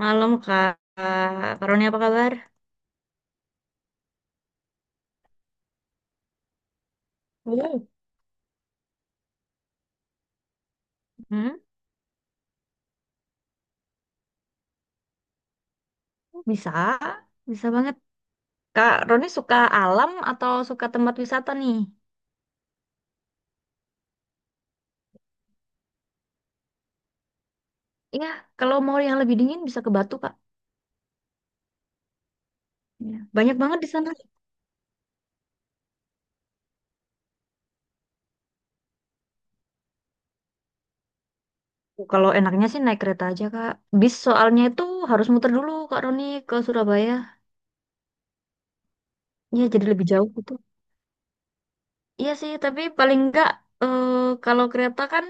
Malam Kak, Kak Roni apa kabar? Hmm. Hmm? Bisa, bisa banget. Kak Roni suka alam atau suka tempat wisata nih? Iya, kalau mau yang lebih dingin bisa ke Batu Kak. Iya. Banyak banget di sana. Kalau enaknya sih naik kereta aja Kak. Bis soalnya itu harus muter dulu Kak Roni ke Surabaya. Iya, jadi lebih jauh gitu. Iya sih, tapi paling enggak eh, kalau kereta kan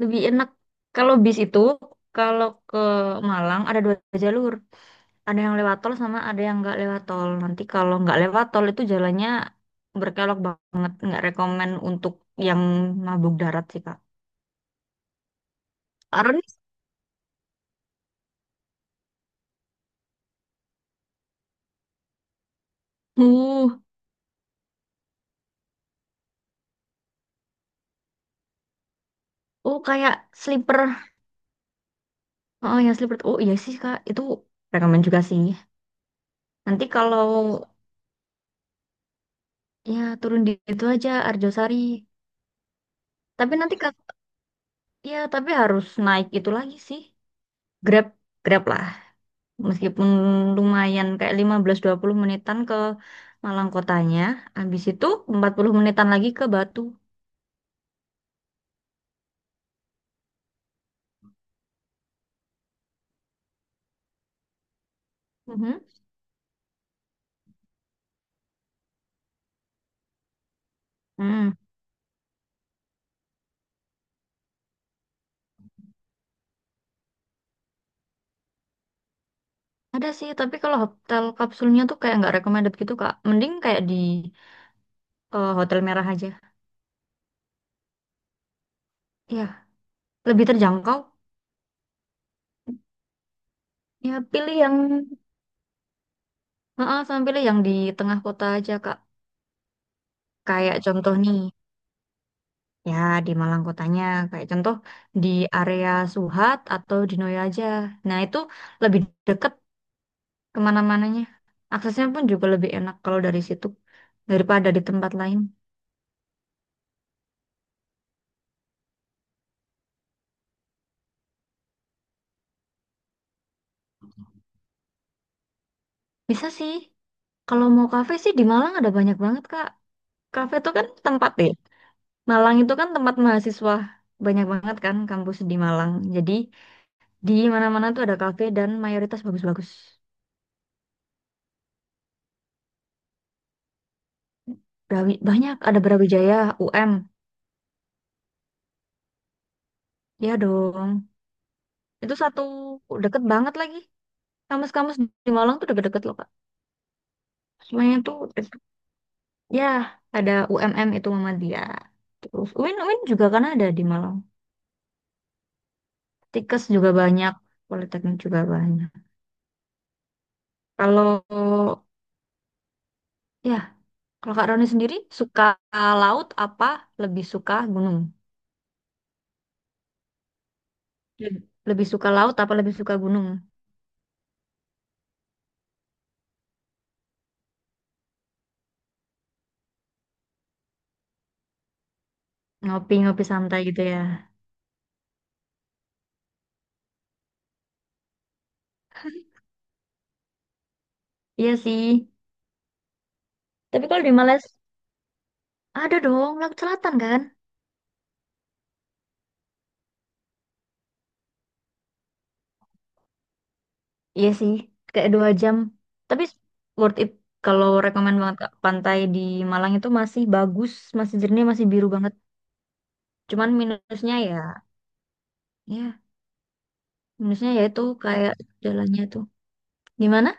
lebih enak. Kalau bis itu, kalau ke Malang ada dua jalur. Ada yang lewat tol sama ada yang nggak lewat tol. Nanti kalau nggak lewat tol itu jalannya berkelok banget, nggak rekomen untuk yang mabuk darat sih Kak. Karena uh, oh kayak sleeper, oh ya sleeper, oh iya sih Kak, itu rekomen juga sih. Nanti kalau ya turun di itu aja Arjosari, tapi nanti Kak, ya tapi harus naik itu lagi sih, Grab, Grab lah. Meskipun lumayan kayak 15 20 menitan ke Malang kotanya, habis itu 40 menitan lagi ke Batu. Mhm. Hmm. Ada sih, tapi kalau hotel kapsulnya tuh kayak nggak recommended gitu, Kak. Mending kayak di Hotel Merah aja. Iya, lebih terjangkau. Ya, pilih yang, heeh, sama pilih yang di tengah kota aja, Kak. Kayak contoh nih, ya di Malang kotanya, kayak contoh di area Suhat atau di Noya aja. Nah, itu lebih deket kemana-mananya. Aksesnya pun juga lebih enak kalau dari situ daripada di tempat lain. Bisa sih. Kalau mau kafe sih di Malang ada banyak banget, Kak. Kafe itu kan tempat ya. Malang itu kan tempat mahasiswa. Banyak banget kan kampus di Malang. Jadi di mana-mana tuh ada kafe dan mayoritas bagus-bagus. Banyak, ada Brawijaya, UM. Ya dong. Itu satu deket banget lagi. Kampus-kampus di Malang tuh deket-deket loh, Kak. Semuanya tuh, ya, ada UMM itu Muhammadiyah. Terus UIN UIN juga kan ada di Malang. Tikes juga banyak, Politeknik juga banyak. Kalau ya, kalau Kak Roni sendiri suka laut apa lebih suka gunung? Leb- Lebih suka laut apa lebih suka gunung? Ngopi-ngopi santai gitu ya. Iya sih. Tapi kalau di Malaysia ada dong laut selatan kan? Iya sih, kayak 2 jam. Tapi worth it kalau rekomen banget Kak. Pantai di Malang itu masih bagus, masih jernih, masih biru banget. Cuman ya minusnya ya itu kayak jalannya tuh. Gimana?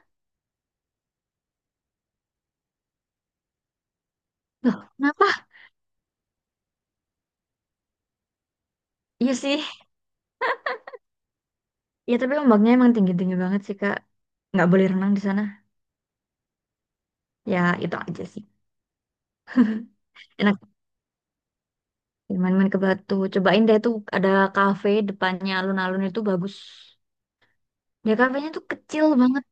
Loh, kenapa? Iya sih. Ya tapi ombaknya emang tinggi-tinggi banget sih, Kak. Nggak boleh renang di sana. Ya itu aja sih. Enak main-main ke Batu. Cobain deh tuh ada kafe depannya alun-alun itu bagus. Ya kafenya tuh kecil banget.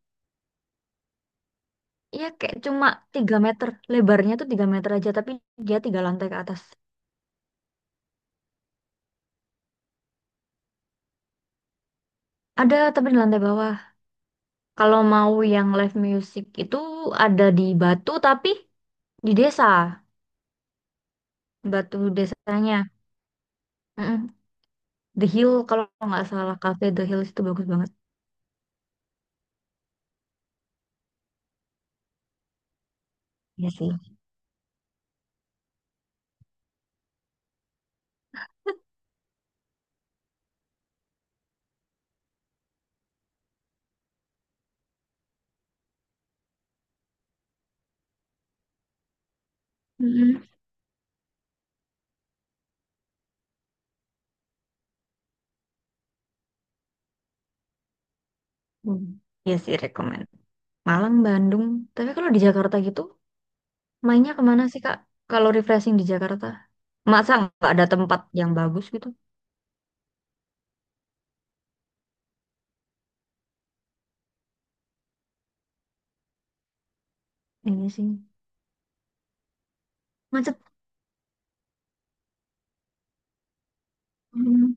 Iya kayak cuma 3 meter. Lebarnya tuh 3 meter aja tapi dia 3 lantai ke atas. Ada tapi di lantai bawah. Kalau mau yang live music itu ada di Batu tapi di desa. Batu desanya. Mm-mm. The Hill kalau nggak salah Cafe The Hill itu bagus banget. Iya sih. Mm-mm. Hmm. Iya sih rekomend. Malang, Bandung. Tapi kalau di Jakarta gitu, mainnya kemana sih Kak? Kalau refreshing di Jakarta, masa nggak ada tempat yang bagus gitu? Iya sih. Macet. Mm.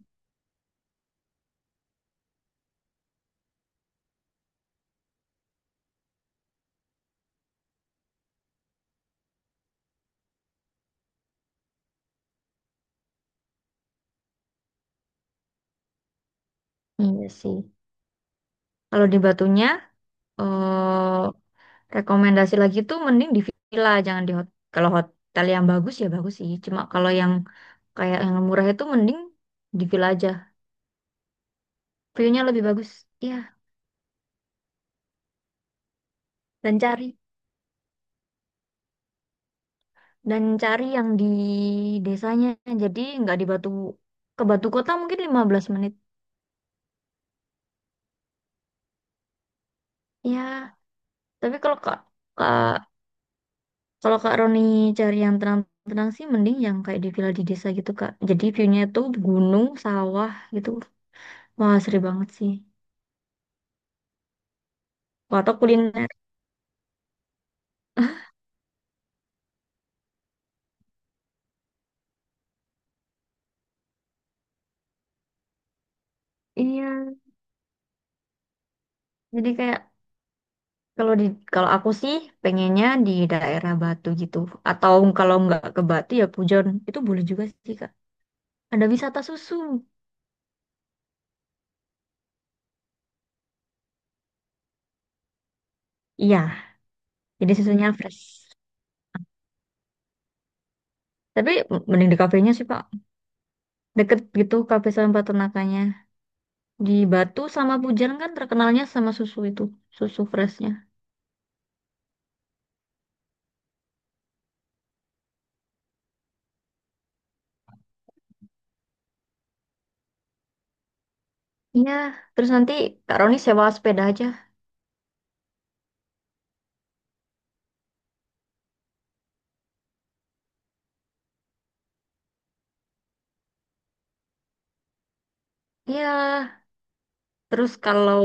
Iya sih. Kalau di Batunya, eh rekomendasi lagi tuh mending di villa, jangan di hotel. Kalau hotel yang bagus ya bagus sih. Cuma kalau yang kayak yang murah itu mending di villa aja. View-nya lebih bagus ya dan cari dan cari yang di desanya jadi nggak di Batu ke Batu Kota mungkin 15 menit. Ya tapi kak kalau kak Roni cari yang tenang-tenang sih mending yang kayak di villa di desa gitu kak jadi view-nya tuh gunung sawah gitu wah seru banget sih. Wah, atau kuliner Iya, jadi kayak kalau di kalau aku sih pengennya di daerah Batu gitu. Atau kalau nggak ke Batu ya Pujon. Itu boleh juga sih Kak. Ada wisata susu. Iya, jadi susunya fresh. Tapi mending di kafenya sih, Pak. Deket gitu kafe sama peternakannya. Di Batu sama Pujan kan terkenalnya sama susu itu, susu freshnya. Iya, terus nanti Kak Roni sewa sepeda aja. Iya, terus kalau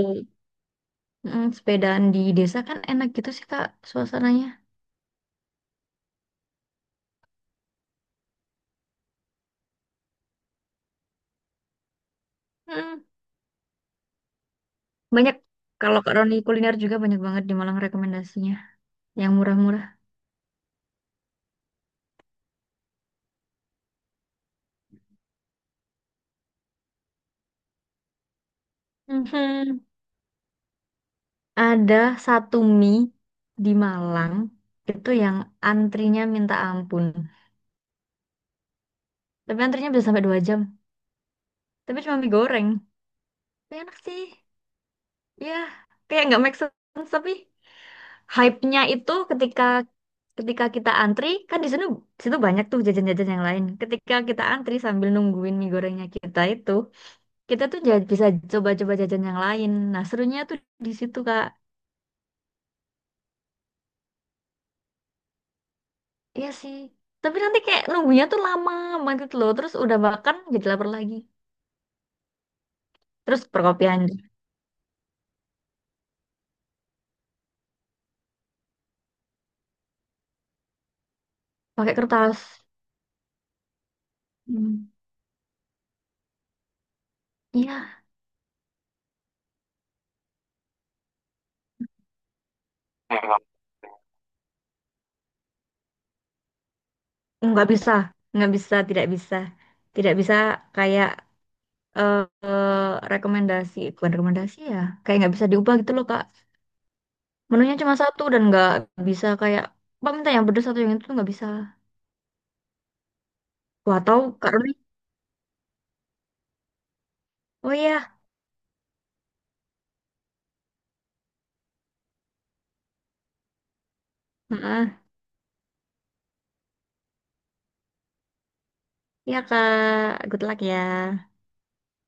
sepedaan di desa kan enak gitu sih, Kak, suasananya. Mm, banyak, kalau Kak Roni kuliner juga banyak banget di Malang rekomendasinya. Yang murah-murah. Mhm. Ada satu mie di Malang itu yang antrinya minta ampun. Tapi antrinya bisa sampai 2 jam. Tapi cuma mie goreng. Tapi enak sih. Ya, kayak nggak make sense. Tapi hype-nya itu ketika ketika kita antri, kan di sana di situ banyak tuh jajan-jajan yang lain. Ketika kita antri sambil nungguin mie gorengnya kita itu, kita tuh bisa coba-coba jajan yang lain. Nah, serunya tuh di situ, Kak. Iya sih. Tapi nanti kayak nunggunya tuh lama banget gitu loh. Terus udah makan jadi lapar lagi. Terus perkopian pakai kertas. Hmm. Iya, nggak bisa, nggak bisa, tidak bisa, tidak bisa kayak eh rekomendasi, bukan rekomendasi ya. Kayak nggak bisa diubah gitu loh Kak. Menunya cuma satu dan nggak bisa kayak Pak minta yang pedes atau yang itu tuh nggak bisa. Wah tahu Kak Roni. Oh iya, heeh. Iya Kak, good luck ya.